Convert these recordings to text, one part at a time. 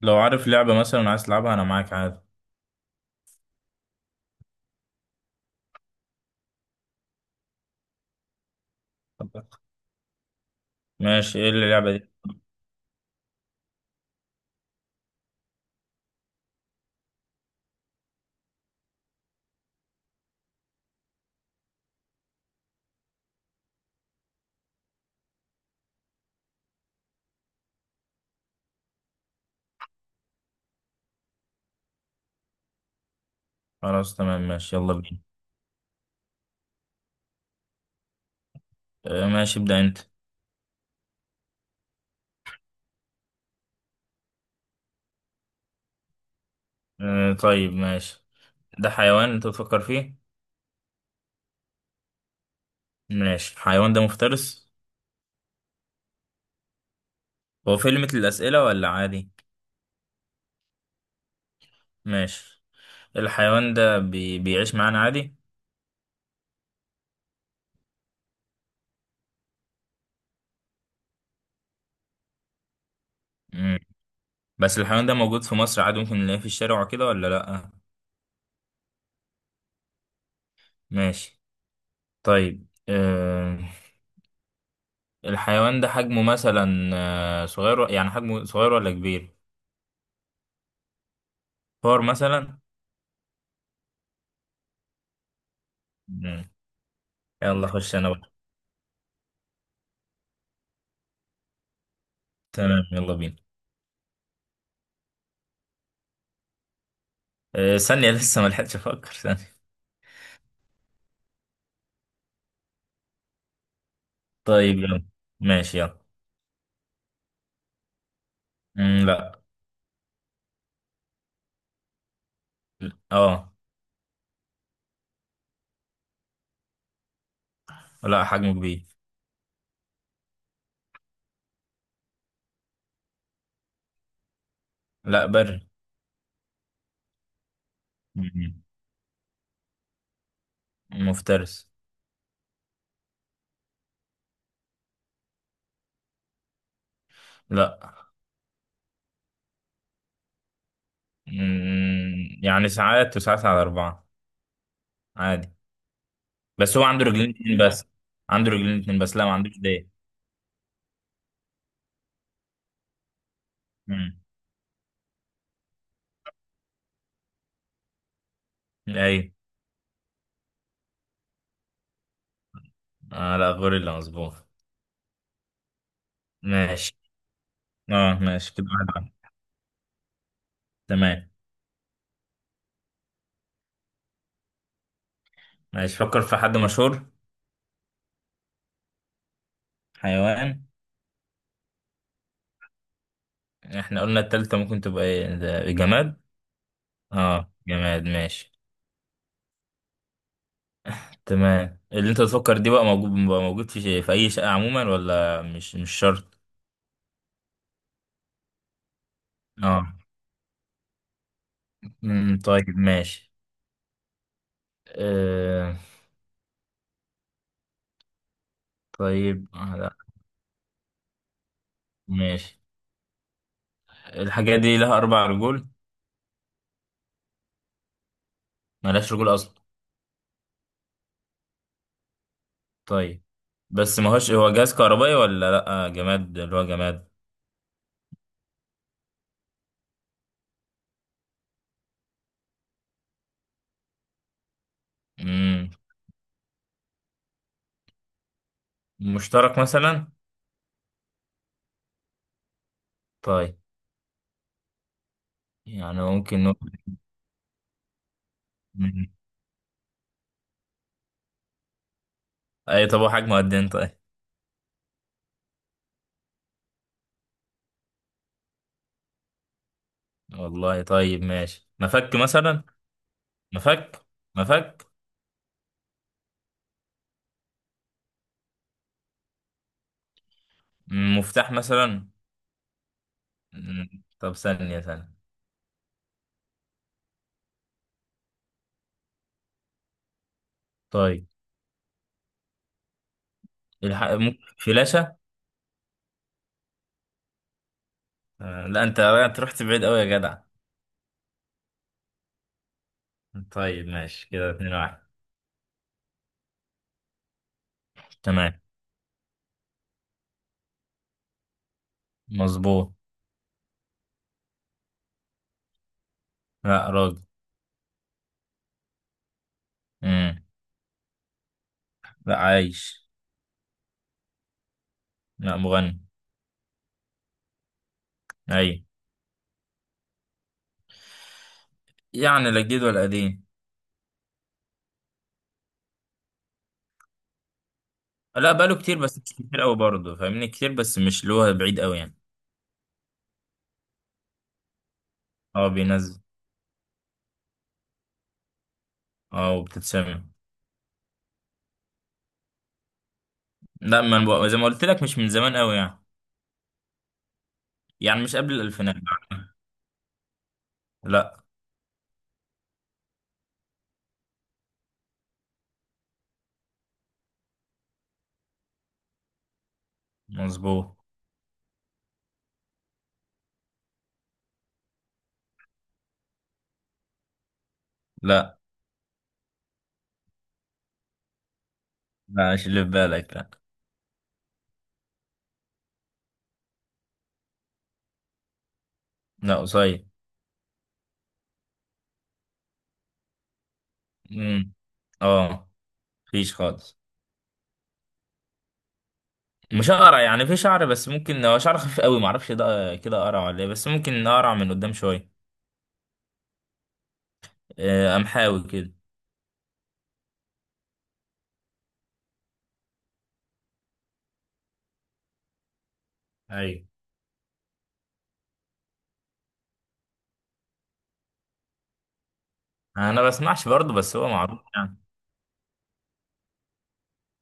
لو عارف لعبة مثلا عايز تلعبها أنا معاك عادي. طب ماشي، إيه اللعبة دي؟ خلاص تمام ماشي يلا بينا. آه، ماشي ابدأ أنت. آه، طيب ماشي. ده حيوان أنت بتفكر فيه؟ ماشي، الحيوان ده مفترس؟ هو في ليميت للأسئلة ولا عادي؟ ماشي. الحيوان ده بيعيش معانا عادي؟ مم. بس الحيوان ده موجود في مصر عادي، ممكن نلاقيه في الشارع وكده ولا لأ؟ ماشي. طيب الحيوان ده حجمه مثلا صغير، يعني حجمه صغير ولا كبير؟ فار مثلا؟ يلا خش انا بقى. تمام يلا بينا. أه ثانية لسه ما لحقتش افكر ثانية. طيب يلا. ماشي يلا. مم، لا. اه. لا حجمه كبير. لا بري. مم. مفترس. لا. مم. يعني ساعات وساعات على أربعة عادي. بس هو عنده رجلين اتنين بس. عنده رجلين اتنين بس، لا ما عندوش ديل. مم. ايوه. آه لا، غوريلا مظبوط. ماشي. اه ماشي كده 1-1. تمام. ماشي، فكر في حد مشهور. حيوان. احنا قلنا التالتة ممكن تبقى ايه، ده جماد. اه جماد ماشي. تمام، اللي انت تفكر دي بقى موجود في اي شقة عموما، ولا مش شرط؟ اه. طيب ماشي. آه طيب، آه لا. ماشي. الحاجة دي لها اربع رجول؟ ملهاش رجول اصلا؟ طيب. بس ما هوش، هو جهاز كهربائي ولا لا، جماد اللي هو جماد؟ امم مشترك مثلا؟ طيب. يعني ممكن نقول. مم. اي، طب هو حجمه قد ايه طيب؟ والله طيب ماشي، مفك مثلا؟ مفك. مفك. مفتاح مثلا؟ طب ثانية ثانية. طيب ممكن فلاشة؟ آه، لا انت رحت بعيد قوي يا جدع. طيب ماشي كده 2-1. تمام. مظبوط. لا راجل. مم. لا عايش. لا مغني. اي. يعني لا جديد ولا قديم. لا بقاله كتير بس مش كتير قوي برضه، فاهمني كتير بس مش اللي هو بعيد قوي يعني. اه بينزل. اه وبتتسمع. لا، ما أنا زي ما قلت لك، مش من زمان قوي يعني. يعني مش قبل الألفينات. لا. مظبوط. لا. لا مش اللي في بالك، لا. لا قصير. امم اه. مفيش خالص. مش اقرع، يعني في شعر بس ممكن هو شعر خفيف قوي، معرفش ده كده اقرع ولا ايه، بس ممكن اقرع من قدام شويه. آه، قمحاوي كده. ايوه. انا بسمعش برضه بس هو معروف يعني.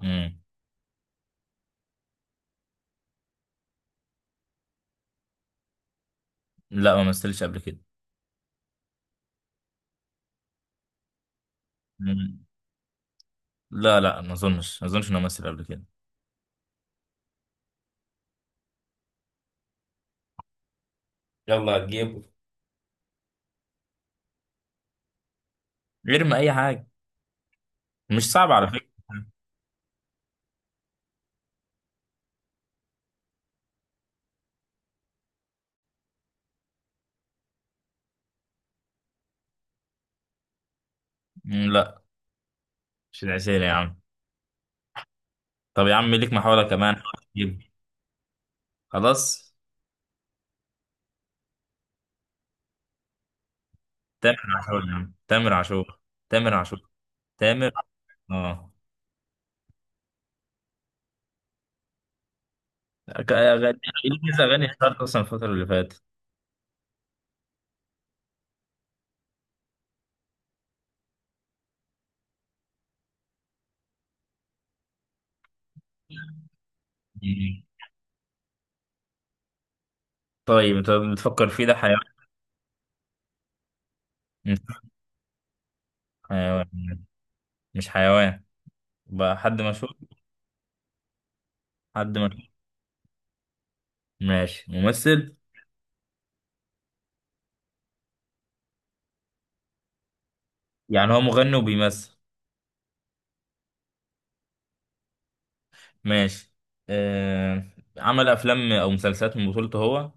امم لا ما مثلش قبل كده. مم. لا لا، ما اظنش ما اظنش انه مثل قبل كده. يلا جيبه. ارمي اي حاجه. مش صعب على فكره. مم، لا. مش العسير يا عم. طب يا عم ليك محاولة كمان، حاول تجيب. خلاص. تامر عاشور يا عم، تامر عاشور. تامر عاشور. تامر. اه. أغاني إليسا، أغاني اشتهرت أصلا الفترة اللي فاتت. مم. طيب أنت بتفكر فيه ده حيوان؟ مش حيوان. مش حيوان. بقى حد مشهور؟ حد مشهور. ماشي ممثل. يعني هو مغني وبيمثل. ماشي. آه... عمل أفلام أو مسلسلات من بطولته هو.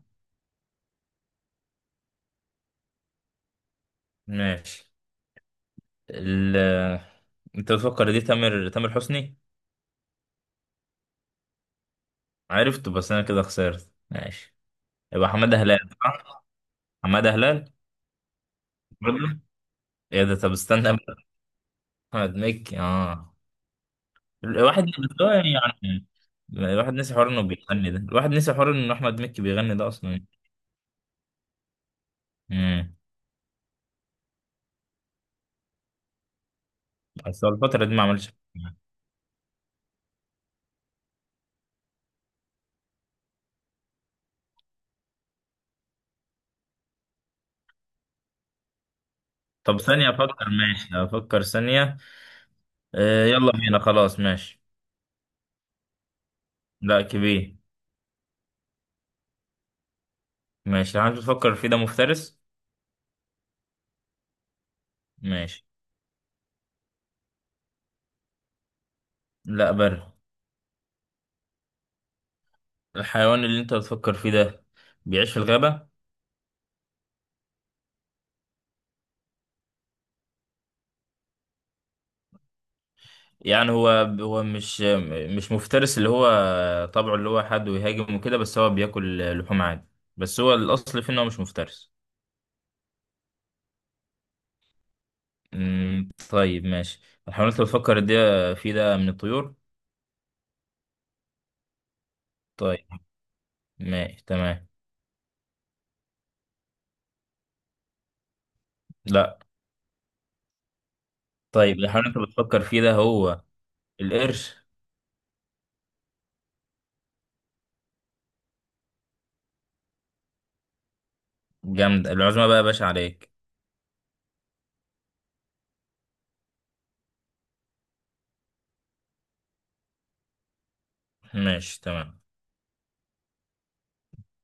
ماشي. ال... أنت بتفكر دي، تامر حسني. عرفت بس انا كده خسرت ماشي. يبقى حماده هلال، صح؟ حماده هلال. برضه؟ ايه ده، طب استنى بقى. احمد مكي اه. الواحد بس هو يعني، الواحد نسي حوار انه بيغني ده، الواحد نسي حوار انه احمد مكي بيغني ده اصلا. امم بس هو الفتره دي ما عملش حاجة. طب ثانيه افكر، ماشي افكر ثانيه. آه يلا بينا خلاص ماشي. لا كبير. ماشي، الحيوان اللي بتفكر فيه ده مفترس؟ ماشي. لا بر. الحيوان اللي انت بتفكر فيه ده بيعيش في الغابه؟ يعني هو مش مفترس اللي هو، طبعه اللي هو حد ويهاجم وكده بس هو بياكل لحوم عادي، بس هو الأصل فيه إن هو مش مفترس. طيب ماشي. الحيوانات اللي بتفكر دي فيه ده من الطيور؟ طيب. ماشي تمام. لا. طيب الحيوانات اللي بتفكر فيه ده، هو القرش. جامد العزمة بقى يا باشا عليك. ماشي تمام.